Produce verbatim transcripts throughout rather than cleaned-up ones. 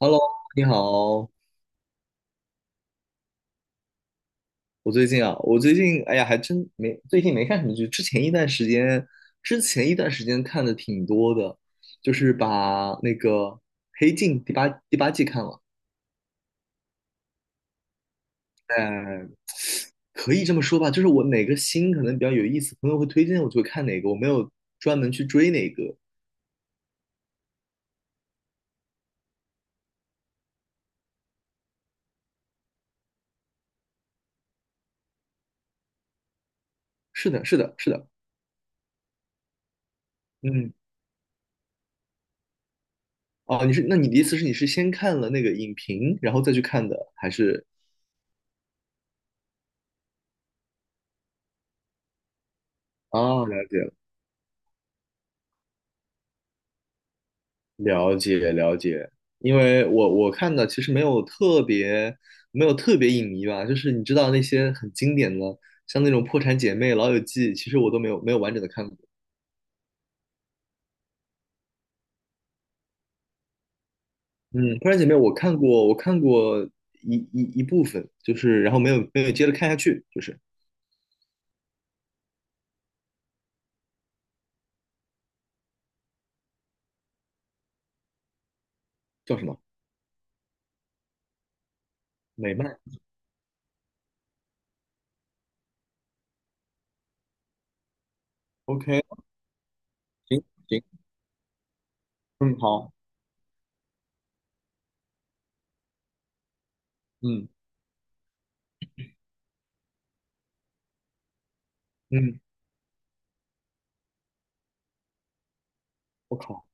Hello，你好。我最近啊，我最近哎呀，还真没最近没看什么剧。之前一段时间，之前一段时间看的挺多的，就是把那个《黑镜》第八第八季看了。哎，可以这么说吧，就是我哪个新可能比较有意思，朋友会推荐我就会看哪个，我没有专门去追哪个。是的，是的，是的。嗯，哦，你是那你的意思是你是先看了那个影评，然后再去看的，还是？哦，了解。了。了解了解，因为我我看的其实没有特别没有特别影迷吧，就是你知道那些很经典的，像那种《破产姐妹》《老友记》，其实我都没有没有完整的看过。嗯，《破产姐妹》我看过，我看过一一一部分，就是然后没有没有接着看下去，就是叫什么美漫？OK,行行，嗯，好，嗯嗯，我靠，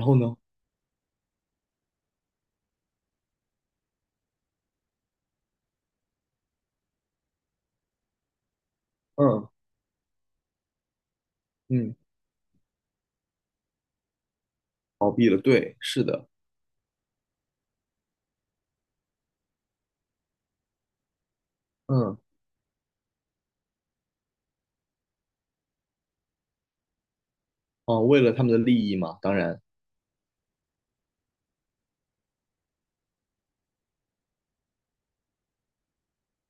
然后呢？嗯嗯倒闭了，对，是的，嗯哦，为了他们的利益嘛，当然，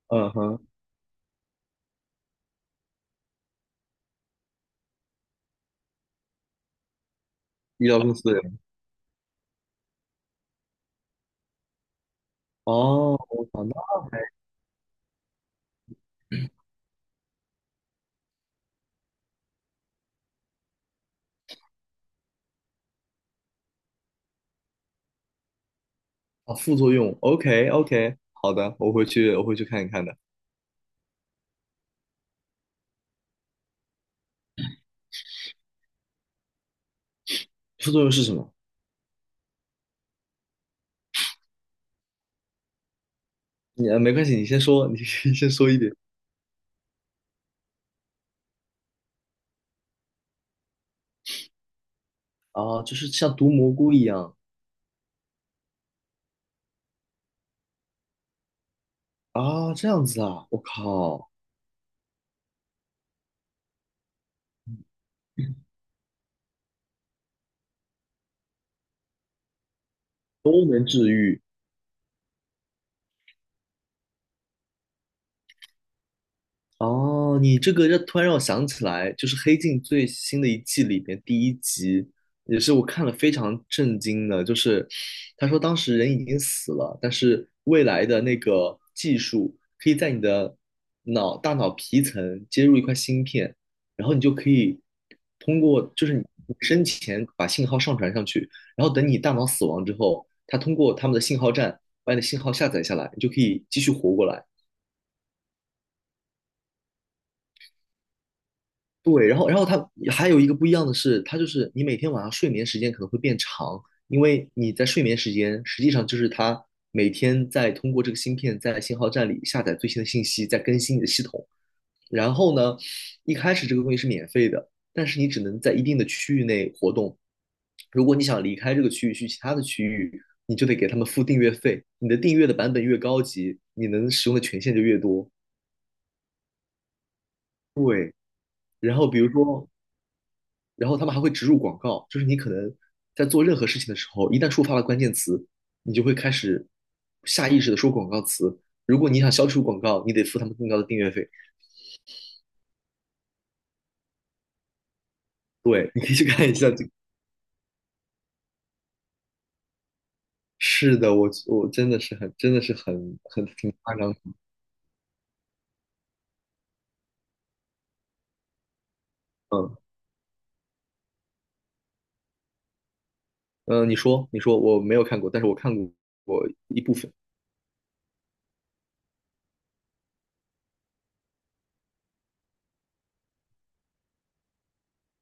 嗯，嗯哼，医疗公司。的哦，我想到啊副作用，OK OK,好的，我回去我回去看一看的。副作用是什么？你呃没关系，你先说，你 先说一点。啊，就是像毒蘑菇一样啊，这样子啊，我靠，哦，你这个让突然让我想起来，就是《黑镜》最新的一季里边第一集，也是我看了非常震惊的，就是他说当时人已经死了，但是未来的那个技术可以在你的脑大脑皮层接入一块芯片，然后你就可以通过就是你生前把信号上传上去，然后等你大脑死亡之后，它通过他们的信号站把你的信号下载下来，你就可以继续活过来。对，然后然后它还有一个不一样的是，它就是你每天晚上睡眠时间可能会变长，因为你在睡眠时间实际上就是它每天在通过这个芯片在信号站里下载最新的信息，在更新你的系统。然后呢，一开始这个东西是免费的，但是你只能在一定的区域内活动。如果你想离开这个区域去其他的区域，你就得给他们付订阅费。你的订阅的版本越高级，你能使用的权限就越多。然后比如说然后他们还会植入广告，就是你可能在做任何事情的时候，一旦触发了关键词，你就会开始下意识的说广告词。如果你想消除广告，你得付他们更高的订阅费。对，你可以去看一下这个。是的，我我真的是很真的是很很挺夸张的嗯嗯，呃你说你说我没有看过，但是我看过过一部分。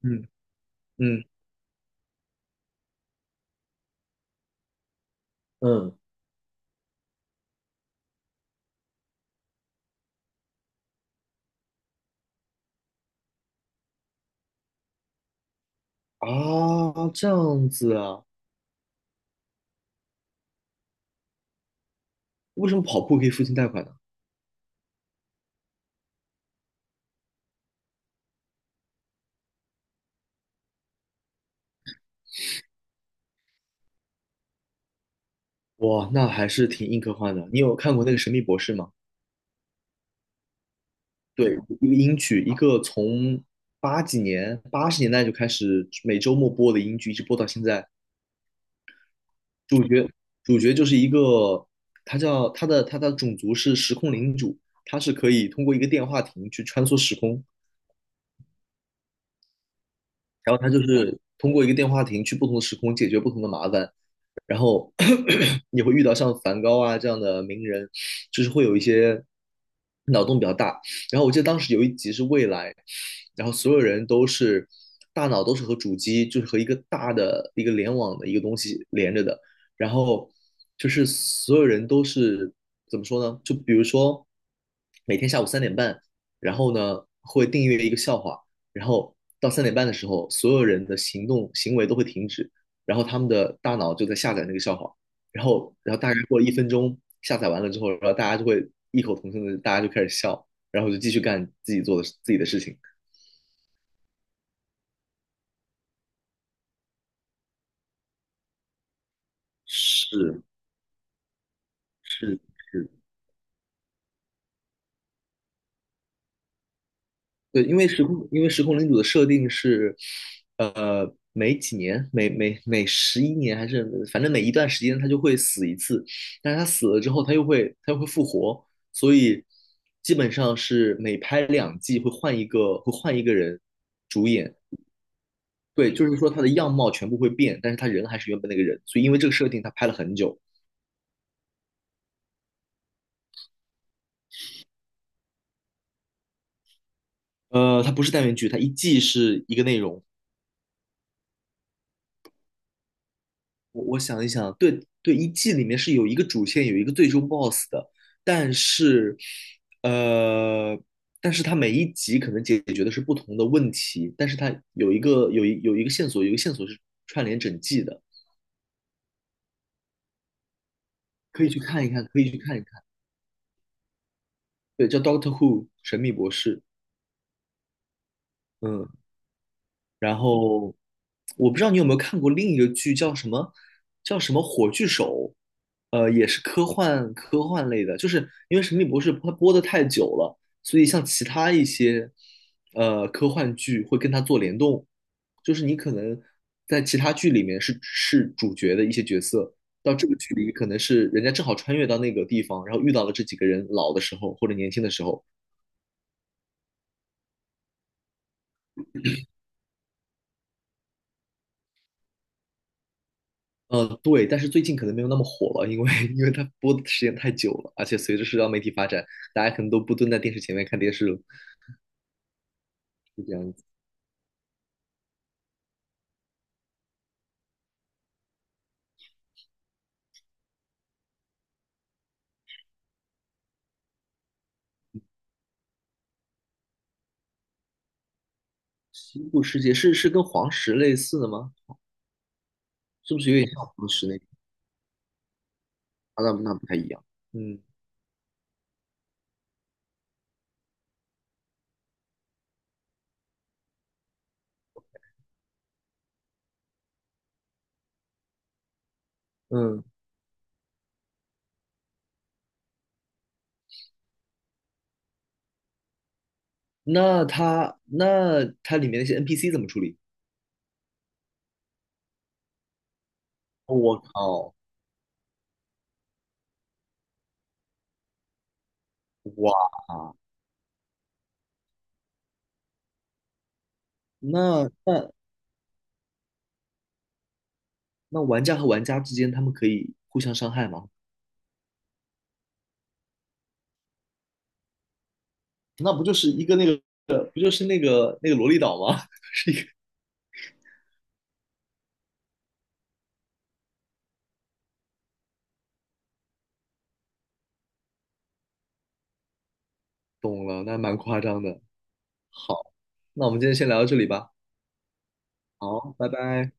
嗯嗯嗯啊，这样子啊？为什么跑步可以付清贷款呢？哇，那还是挺硬科幻的。你有看过那个《神秘博士》吗？对，一个英剧，一个从八几年、八十年代就开始每周末播的英剧，一直播到现在。主角主角就是一个，他叫他的他的种族是时空领主，他是可以通过一个电话亭去穿梭时空，然后他就是通过一个电话亭去不同的时空解决不同的麻烦。然后 你会遇到像梵高啊这样的名人，就是会有一些脑洞比较大。然后我记得当时有一集是未来，然后所有人都是大脑都是和主机，就是和一个大的一个联网的一个东西连着的。然后就是所有人都是怎么说呢？就比如说每天下午三点半，然后呢会订阅一个笑话，然后到三点半的时候，所有人的行动行为都会停止，然后他们的大脑就在下载那个笑话，然后然后大概过了一分钟，下载完了之后，然后大家就会异口同声的，大家就开始笑，然后就继续干自己做的自己的事情。是是是，对，因为时空因为时空领主的设定是，呃，每几年每每每十一年还是反正每一段时间他就会死一次，但是他死了之后他又会他又会复活，所以基本上是每拍两季会换一个会换一个人主演。对，就是说他的样貌全部会变，但是他人还是原本那个人，所以因为这个设定，他拍了很久。呃，它不是单元剧，它一季是一个内容。我我想一想，对对，一季里面是有一个主线，有一个最终 B O S S 的，但是呃，但是它每一集可能解决的是不同的问题，但是它有一个有一有一个线索，有一个线索是串联整季的，可以去看一看，可以去看一看。对，叫 Doctor Who 神秘博士。嗯，然后我不知道你有没有看过另一个剧，叫什么叫什么《火炬手》，呃，也是科幻科幻类的，就是因为《神秘博士》它播的太久了，所以像其他一些呃科幻剧会跟它做联动，就是你可能在其他剧里面是是主角的一些角色。到这个剧里，可能是人家正好穿越到那个地方，然后遇到了这几个人老的时候或者年轻的时候，呃，对，但是最近可能没有那么火了，因为 因为它播的时间太久了，而且随着社交媒体发展，大家可能都不蹲在电视前面看电视了，是这样子。西部世界是是跟黄石类似的吗？是不是有点像黄石那个啊，那那不太一样。嗯嗯，那它那它里面那些 N P C 怎么处理？我靠，哇，那那那玩家和玩家之间他们可以互相伤害吗？那不就是一个那个不就是那个那个萝莉岛吗？懂了，那蛮夸张的。好，那我们今天先聊到这里吧。好，拜拜。